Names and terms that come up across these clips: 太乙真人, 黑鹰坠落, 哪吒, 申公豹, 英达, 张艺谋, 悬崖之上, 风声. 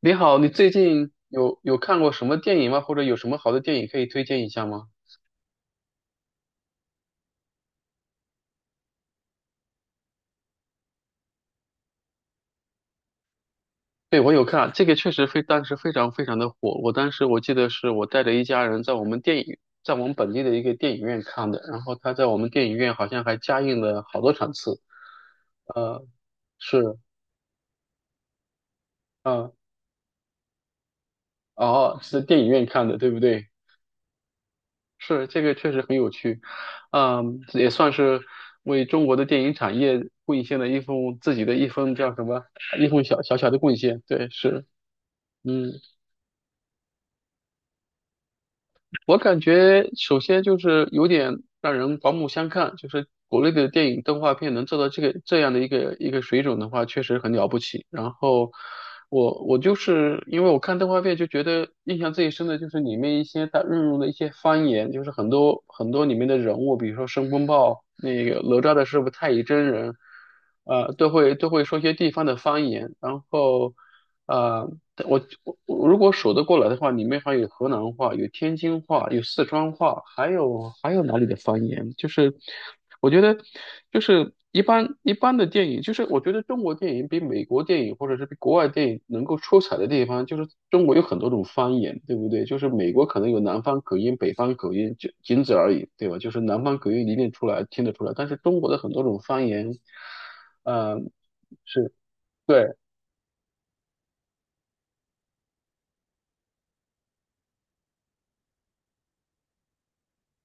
你好，你最近有看过什么电影吗？或者有什么好的电影可以推荐一下吗？对，我有看，这个确实非当时非常非常的火。我当时我记得是我带着一家人在我们本地的一个电影院看的，然后他在我们电影院好像还加映了好多场次。呃，是，嗯、哦，是在电影院看的，对不对？是，这个确实很有趣，嗯，也算是为中国的电影产业贡献了一份自己的一份叫什么一份小小的贡献。对，是，嗯。我感觉首先就是有点让人刮目相看，就是国内的电影动画片能做到这样的一个水准的话，确实很了不起。然后我就是因为我看动画片就觉得印象最深的就是里面一些它运用的一些方言，就是很多里面的人物，比如说申公豹、那个哪吒的师傅太乙真人，都会说一些地方的方言，然后。呃，但我如果数得过来的话，里面还有河南话，有天津话，有四川话，还有哪里的方言？就是我觉得，就是一般的电影，就是我觉得中国电影比美国电影或者是比国外电影能够出彩的地方，就是中国有很多种方言，对不对？就是美国可能有南方口音、北方口音，就仅此而已，对吧？就是南方口音你一定出来听得出来，但是中国的很多种方言，呃，是。对。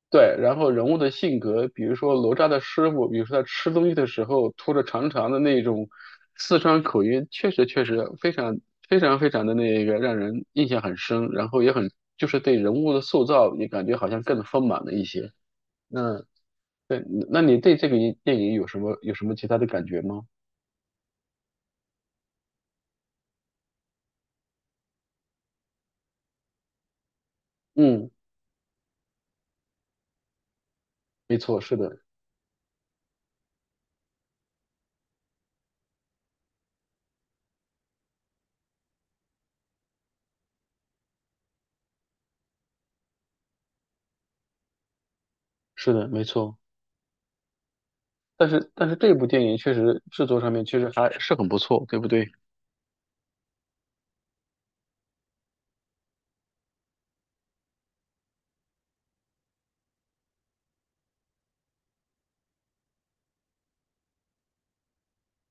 对，然后人物的性格，比如说哪吒的师傅，比如说他吃东西的时候拖着长长的那种四川口音，确实非常非常的那个让人印象很深，然后也很就是对人物的塑造也感觉好像更丰满了一些。那对，那你对这个电影有什么其他的感觉吗？嗯，没错，是的，是的，没错。但是这部电影确实制作上面确实还是很不错，对不对？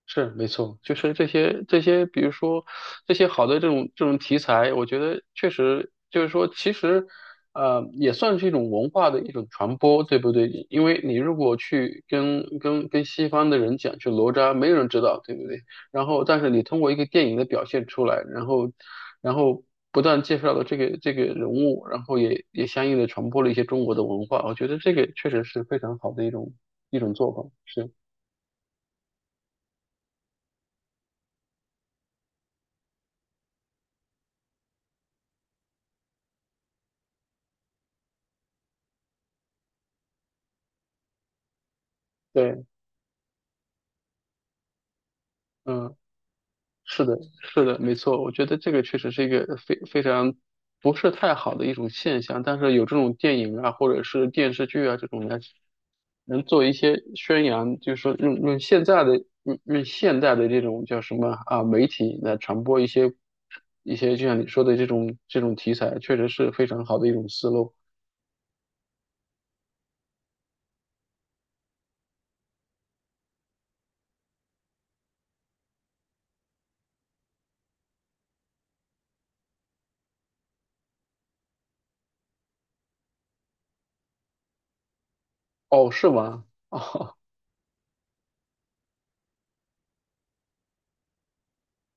是没错，就是这些，比如说这些好的这种题材，我觉得确实就是说，其实也算是一种文化的一种传播，对不对？因为你如果去跟西方的人讲去哪吒，没有人知道，对不对？然后，但是你通过一个电影的表现出来，然后不断介绍了这个人物，然后也相应的传播了一些中国的文化，我觉得这个确实是非常好的一种做法，是对，嗯。是的，是的，没错，我觉得这个确实是一个非常不是太好的一种现象，但是有这种电影啊，或者是电视剧啊这种来能做一些宣扬，就是说用现在的用现在的这种叫什么啊媒体来传播一些一些就像你说的这种题材，确实是非常好的一种思路。哦，是吗？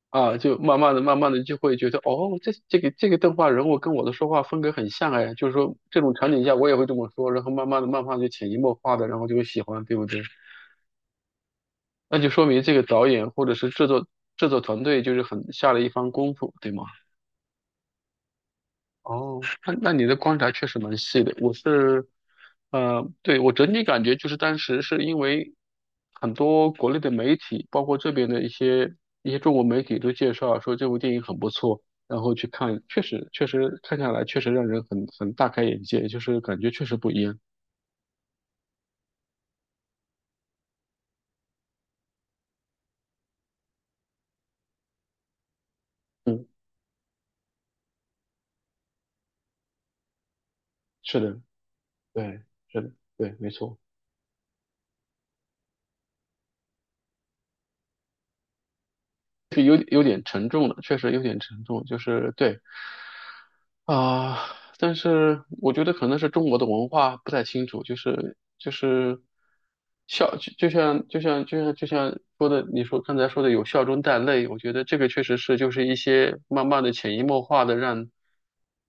啊，就慢慢的就会觉得，哦，这个动画人物跟我的说话风格很像哎，就是说这种场景下我也会这么说，然后慢慢的就潜移默化的，然后就会喜欢，对不对？那就说明这个导演或者是制作团队就是很下了一番功夫，对吗？哦，那你的观察确实蛮细的。我是，呃，对，我整体感觉就是当时是因为很多国内的媒体，包括这边的一些中国媒体都介绍说这部电影很不错，然后去看，确实看下来确实让人很大开眼界，就是感觉确实不一样。嗯，是的，对，是的，对，没错，是有点沉重的，确实有点沉重，就是对。啊，但是我觉得可能是中国的文化不太清楚，就是孝，就像说的，刚才说的有笑中带泪，我觉得这个确实是就是一些慢慢的潜移默化的让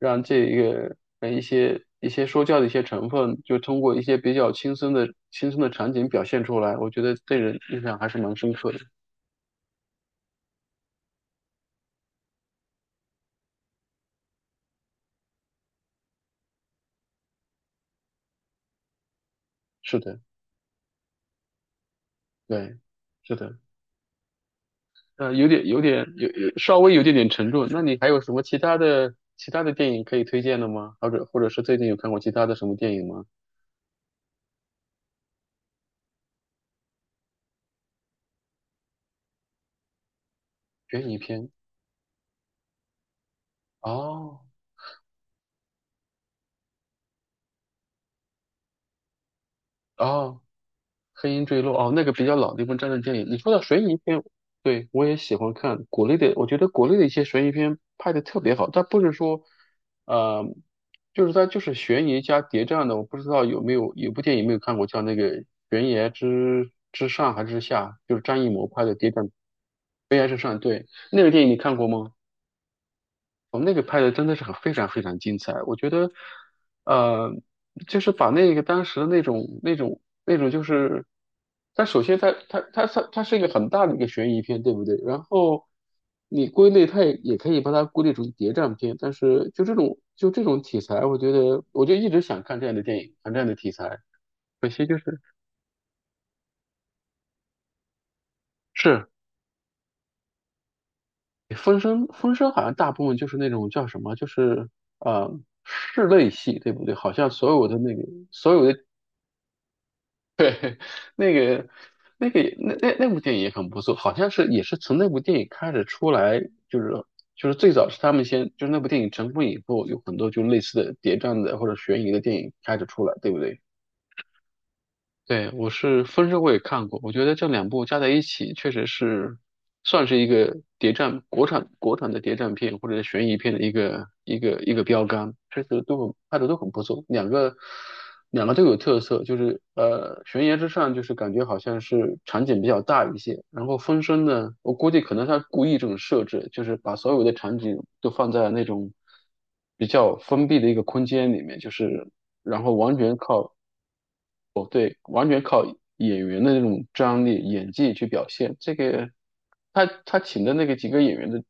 让这一个一些说教的一些成分，就通过一些比较轻松的场景表现出来，我觉得对人印象还是蛮深刻的。是的，对，是的。有稍微有点点沉重。那你还有什么其他的电影可以推荐的吗？或者是最近有看过其他的什么电影吗？悬疑片？哦哦，黑鹰坠落哦，那个比较老的一部战争电影。你说到悬疑片，对，我也喜欢看国内的，我觉得国内的一些悬疑片拍的特别好，但不是说，呃，就是它就是悬疑加谍战的。我不知道有没有有部电影没有看过，叫那个《悬崖之上还是之下》，就是张艺谋拍的谍战《悬崖之上》。对，那个电影你看过吗？我们那个拍的真的是非常非常精彩，我觉得，呃，就是把那个当时的那种就是，它首先它是一个很大的一个悬疑片，对不对？然后你归类，它也可以把它归类成谍战片，但是就这种题材，我觉得我就一直想看这样的电影，看这样的题材，可惜就是是《风声》，《风声》好像大部分就是那种叫什么，就是呃室内戏，对不对？好像所有的那个所有的。对，那个、那个也、那部电影也很不错，好像是也是从那部电影开始出来，就是就是最早是他们先，就是那部电影成功以后，有很多就类似的谍战的或者悬疑的电影开始出来，对不对？对，我是《风声》我也看过，我觉得这两部加在一起，确实是算是一个国产的谍战片或者是悬疑片的一个一个标杆，确实都拍的都很不错，两个都有特色，就是呃悬崖之上就是感觉好像是场景比较大一些，然后《风声》呢，我估计可能他故意这种设置，就是把所有的场景都放在那种比较封闭的一个空间里面，就是。然后完全靠演员的那种张力、演技去表现。这个他请的那个几个演员的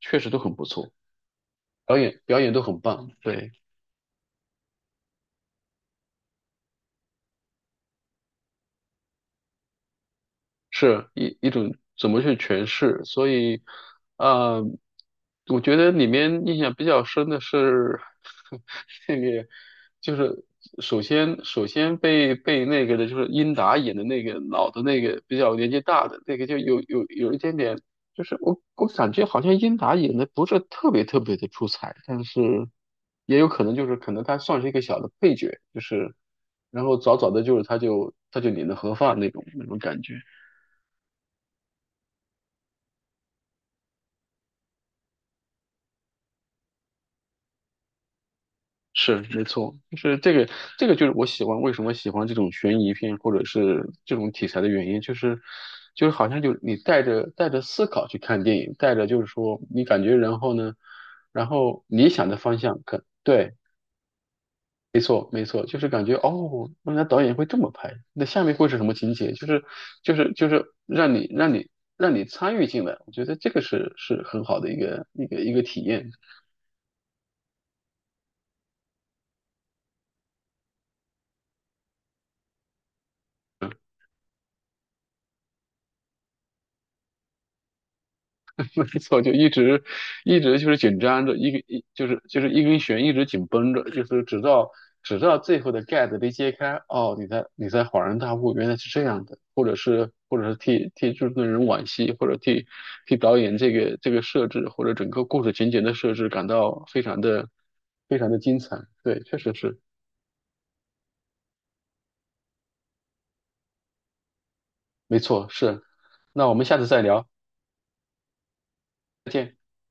确实都很不错，表演都很棒。对。是一种怎么去诠释，所以，呃，我觉得里面印象比较深的是 那个，就是首先被那个的就是英达演的那个老的那个比较年纪大的那个就有一点点，就是我感觉好像英达演的不是特别的出彩，但是也有可能就是可能他算是一个小的配角，就是然后早早的他就领了盒饭那种感觉。是没错，这个就是我喜欢，为什么喜欢这种悬疑片或者是这种题材的原因，就是，就是好像就你带着思考去看电影，带着就是说你感觉，然后呢，然后你想的方向可对，没错，就是感觉哦，原来导演会这么拍，那下面会是什么情节？就是让你让你参与进来，我觉得这个是很好的一个一个体验。没错，就一直一直就是紧张着，一根一就是一根弦一直紧绷着，就是直到最后的盖子被揭开，哦，你才恍然大悟，原来是这样的，或者是替制作人惋惜，或者替导演这个设置或者整个故事情节的设置感到非常的精彩，对，确实是，没错，是，那我们下次再聊，再见。